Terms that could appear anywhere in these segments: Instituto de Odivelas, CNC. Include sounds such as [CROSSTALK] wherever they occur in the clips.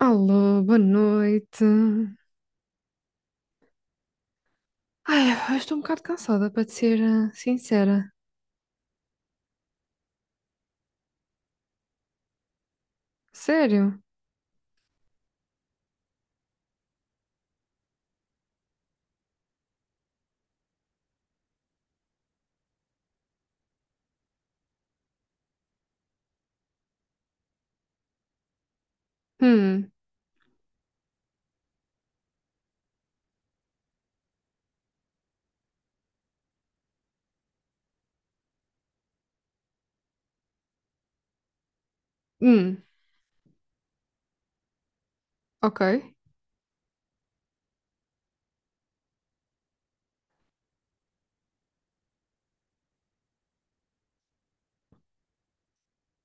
Alô, boa noite. Ai, eu estou um bocado cansada, para te ser sincera. Sério? Hum, hum, ok,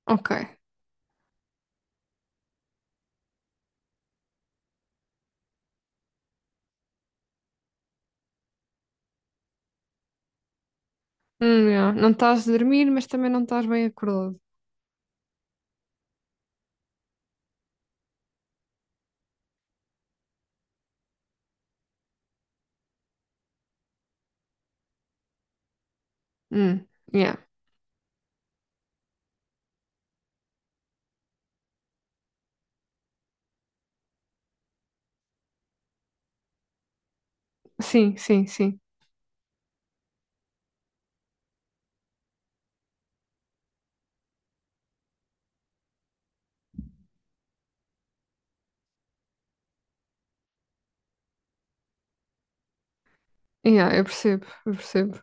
ok. Yeah. Não estás a dormir, mas também não estás bem acordado. Hum, yeah. Sim, sim, sim. Yeah, eu percebo, eu percebo.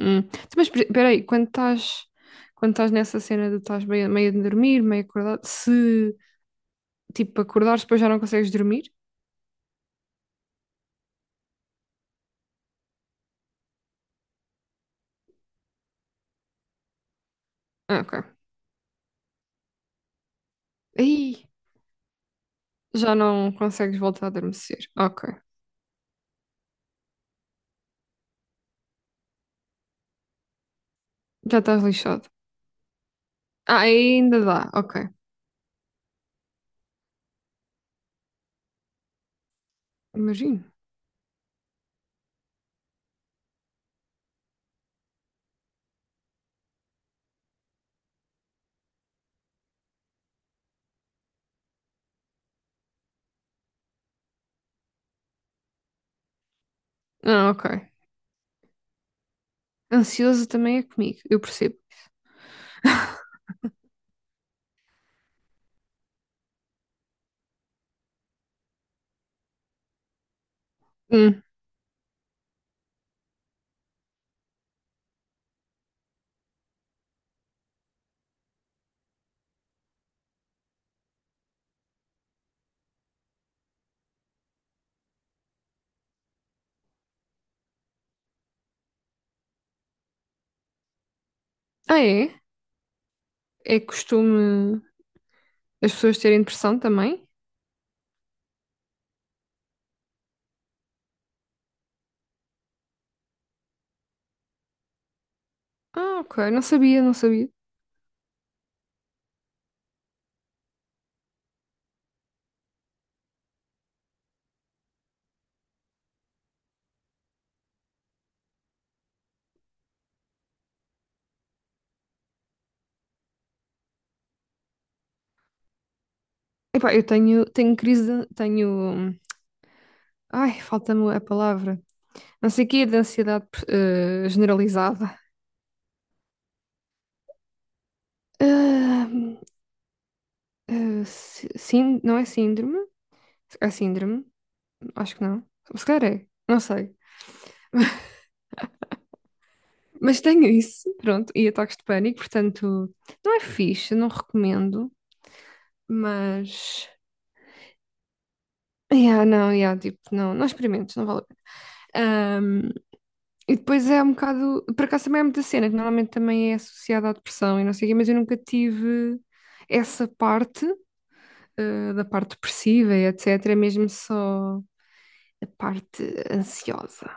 Hum. Então, mas peraí, quando estás nessa cena de estás meio a dormir, meio acordado, se tipo acordares depois já não consegues dormir? Ah, ok. Aí já não consegues voltar a adormecer. Ok. Já estás lixado. Ah, aí ainda dá, ok. Imagino. Ah, ok. Ansioso também é comigo, eu percebo. Hum. Ah, é? É costume as pessoas terem depressão também? Ah, ok. Não sabia, não sabia. Epá, eu tenho crise, de, tenho. Ai, falta-me a palavra. Não sei o quê, de ansiedade generalizada. Ah, sim, não é síndrome? É síndrome? Acho que não. Se calhar é. Não sei. Mas tenho isso, pronto, e ataques de pânico, portanto, não é fixe, não recomendo, mas. Yeah, não, yeah, tipo, não, não experimentes, não vale a pena. Ahm, e depois é um bocado. Por acaso também é muita cena, que normalmente também é associada à depressão e não sei o quê, mas eu nunca tive essa parte, da parte depressiva e etc. É mesmo só a parte ansiosa.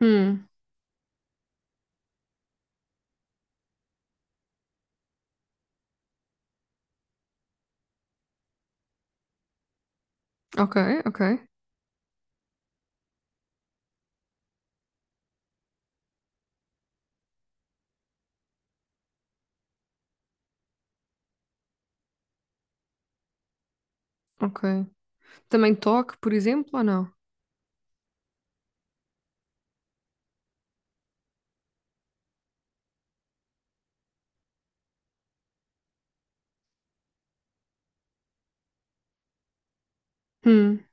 Hum, ok, ok, ok. Também toque, por exemplo, ou não? Hum,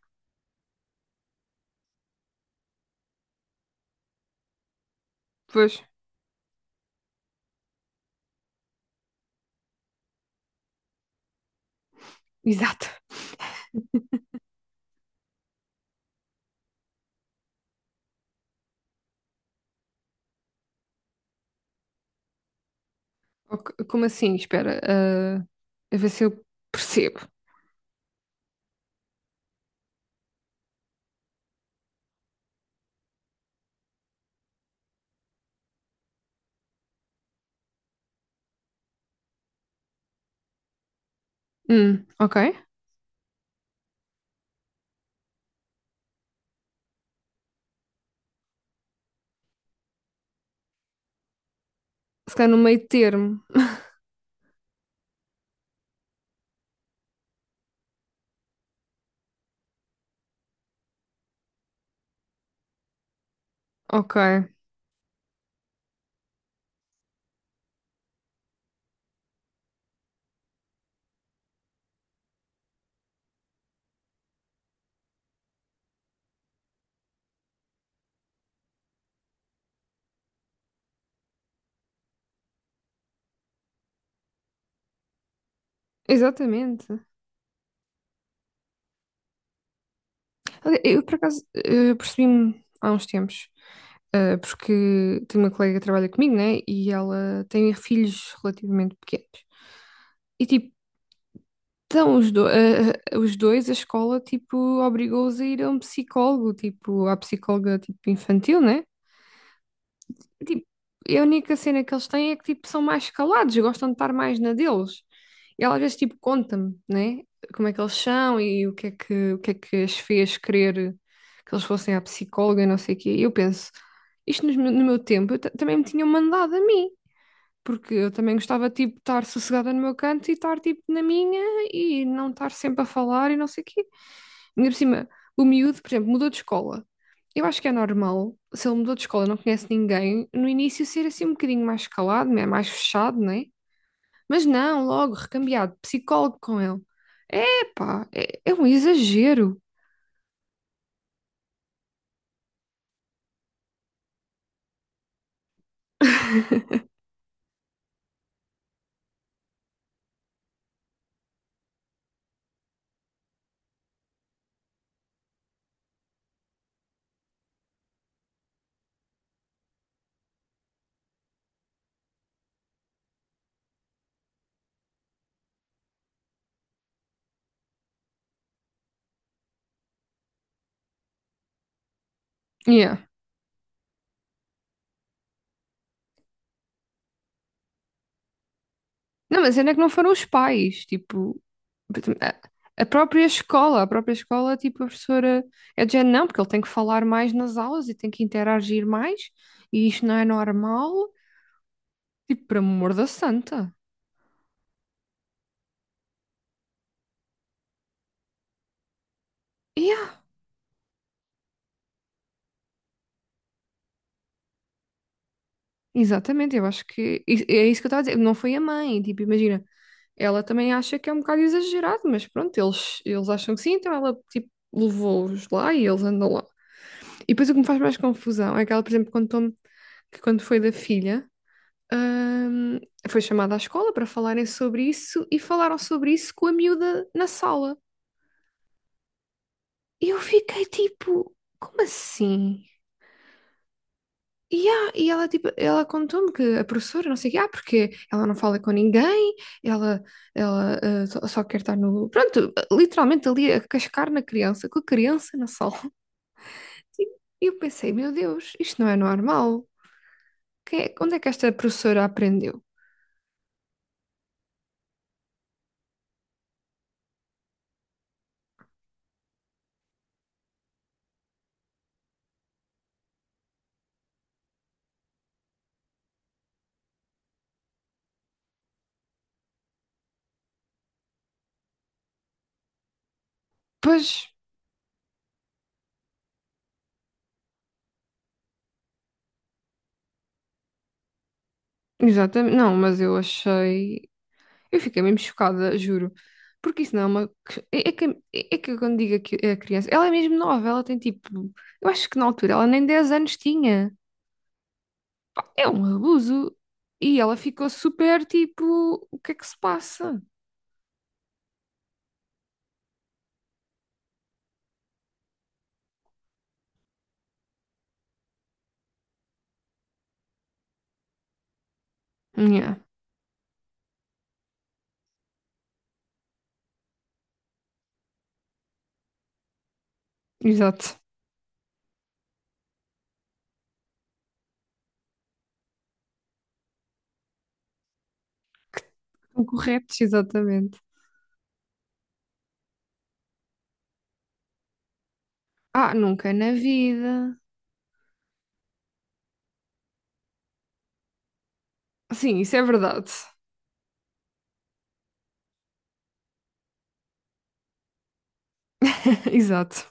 pois. Exato. Ok, como assim? Espera, a ver se eu percebo. Ok. Se calhar no meio termo. Ok, exatamente. Olha, eu, por acaso, percebi-me há uns tempos, porque tenho uma colega que trabalha comigo, né? E ela tem filhos relativamente pequenos. E, tipo, então os, do- eh, eh, os dois, a escola, tipo, obrigou-os a ir a um psicólogo, tipo, à psicóloga, tipo, infantil, né? Tipo, a única cena que eles têm é que, tipo, são mais calados, gostam de estar mais na deles. E ela às vezes, tipo, conta-me, né? Como é que eles são e o que é que as fez querer que eles fossem à psicóloga e não sei o quê. E eu penso, isto nos no meu tempo eu também me tinham mandado a mim. Porque eu também gostava, tipo, de estar sossegada no meu canto e estar, tipo, na minha e não estar sempre a falar e não sei o quê. Ainda por cima, o miúdo, por exemplo, mudou de escola. Eu acho que é normal, se ele mudou de escola, não conhece ninguém, no início ser assim um bocadinho mais calado, né, mais fechado, né? Mas não, logo, recambiado, psicólogo com ele. Epá, é um exagero. Yeah. Não, mas ainda é que não foram os pais, tipo, a a própria escola, tipo, a professora é de género, não, porque ele tem que falar mais nas aulas e tem que interagir mais, e isto não é normal, tipo, por amor da santa. Ya, exatamente, eu acho que é isso que eu estava a dizer. Não foi a mãe, tipo, imagina, ela também acha que é um bocado exagerado, mas pronto, eles acham que sim, então ela tipo levou-os lá e eles andam lá. E depois o que me faz mais confusão é que ela, por exemplo, contou-me que quando foi da filha, hum, foi chamada à escola para falarem sobre isso e falaram sobre isso com a miúda na sala. E eu fiquei tipo, como assim? E ela, tipo, ela contou-me que a professora, não sei o quê, porque ela não fala com ninguém, ela, ela só quer estar no... Pronto, literalmente ali a cascar na criança, com a criança na sala. [LAUGHS] Tipo, e eu pensei, meu Deus, isto não é normal. Onde é que esta professora aprendeu? Pois, exatamente, não, mas eu achei... Eu fiquei mesmo chocada, juro. Porque isso não é uma... É, é que eu quando digo que é a criança, ela é mesmo nova, ela tem tipo... Eu acho que na altura ela nem 10 anos tinha. É um abuso. E ela ficou super tipo, o que é que se passa? Yeah, exato. Estão corretos, exatamente. Ah, nunca na vida. Sim, isso é verdade. [LAUGHS] Exato.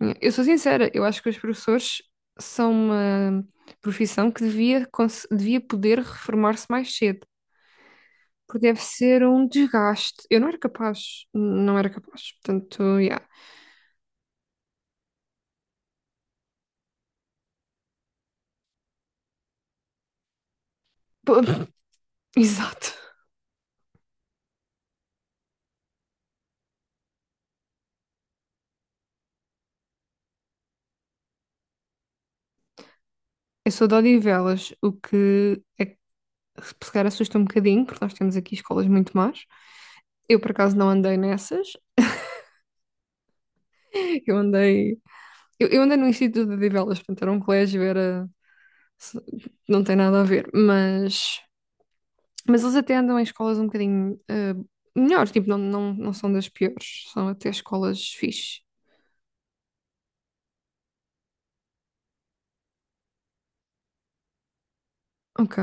Yeah. Eu sou sincera, eu acho que os professores são uma profissão que devia, devia poder reformar-se mais cedo, porque deve ser um desgaste. Eu não era capaz, não era capaz, portanto, yeah. Pô, [LAUGHS] exato. Eu sou de Odivelas, o que é se calhar assusta um bocadinho, porque nós temos aqui escolas muito más. Eu, por acaso, não andei nessas. [LAUGHS] Eu andei, eu andei no Instituto de Odivelas, portanto, era um colégio, era, não tem nada a ver. mas, eles até andam em escolas um bocadinho melhores, tipo, não, não, não são das piores, são até escolas fixe. Ok,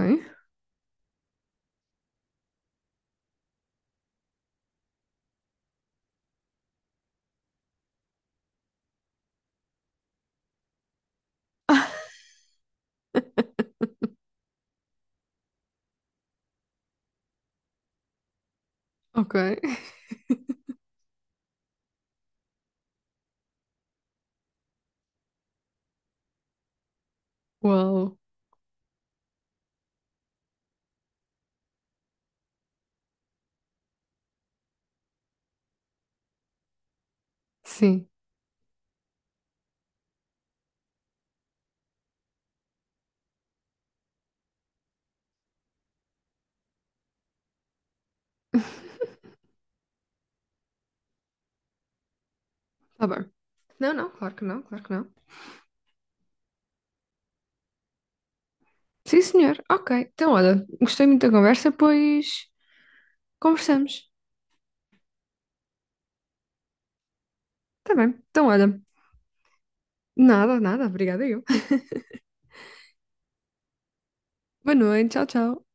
ok. [LAUGHS] Uau, sim. Tá bem. Não, não, claro que não, claro que não. Sim, senhor. Ok. Então, olha, gostei muito da conversa, pois conversamos. Tá bem. Então, olha, nada, nada. Obrigada eu. [LAUGHS] Boa noite. Tchau, tchau.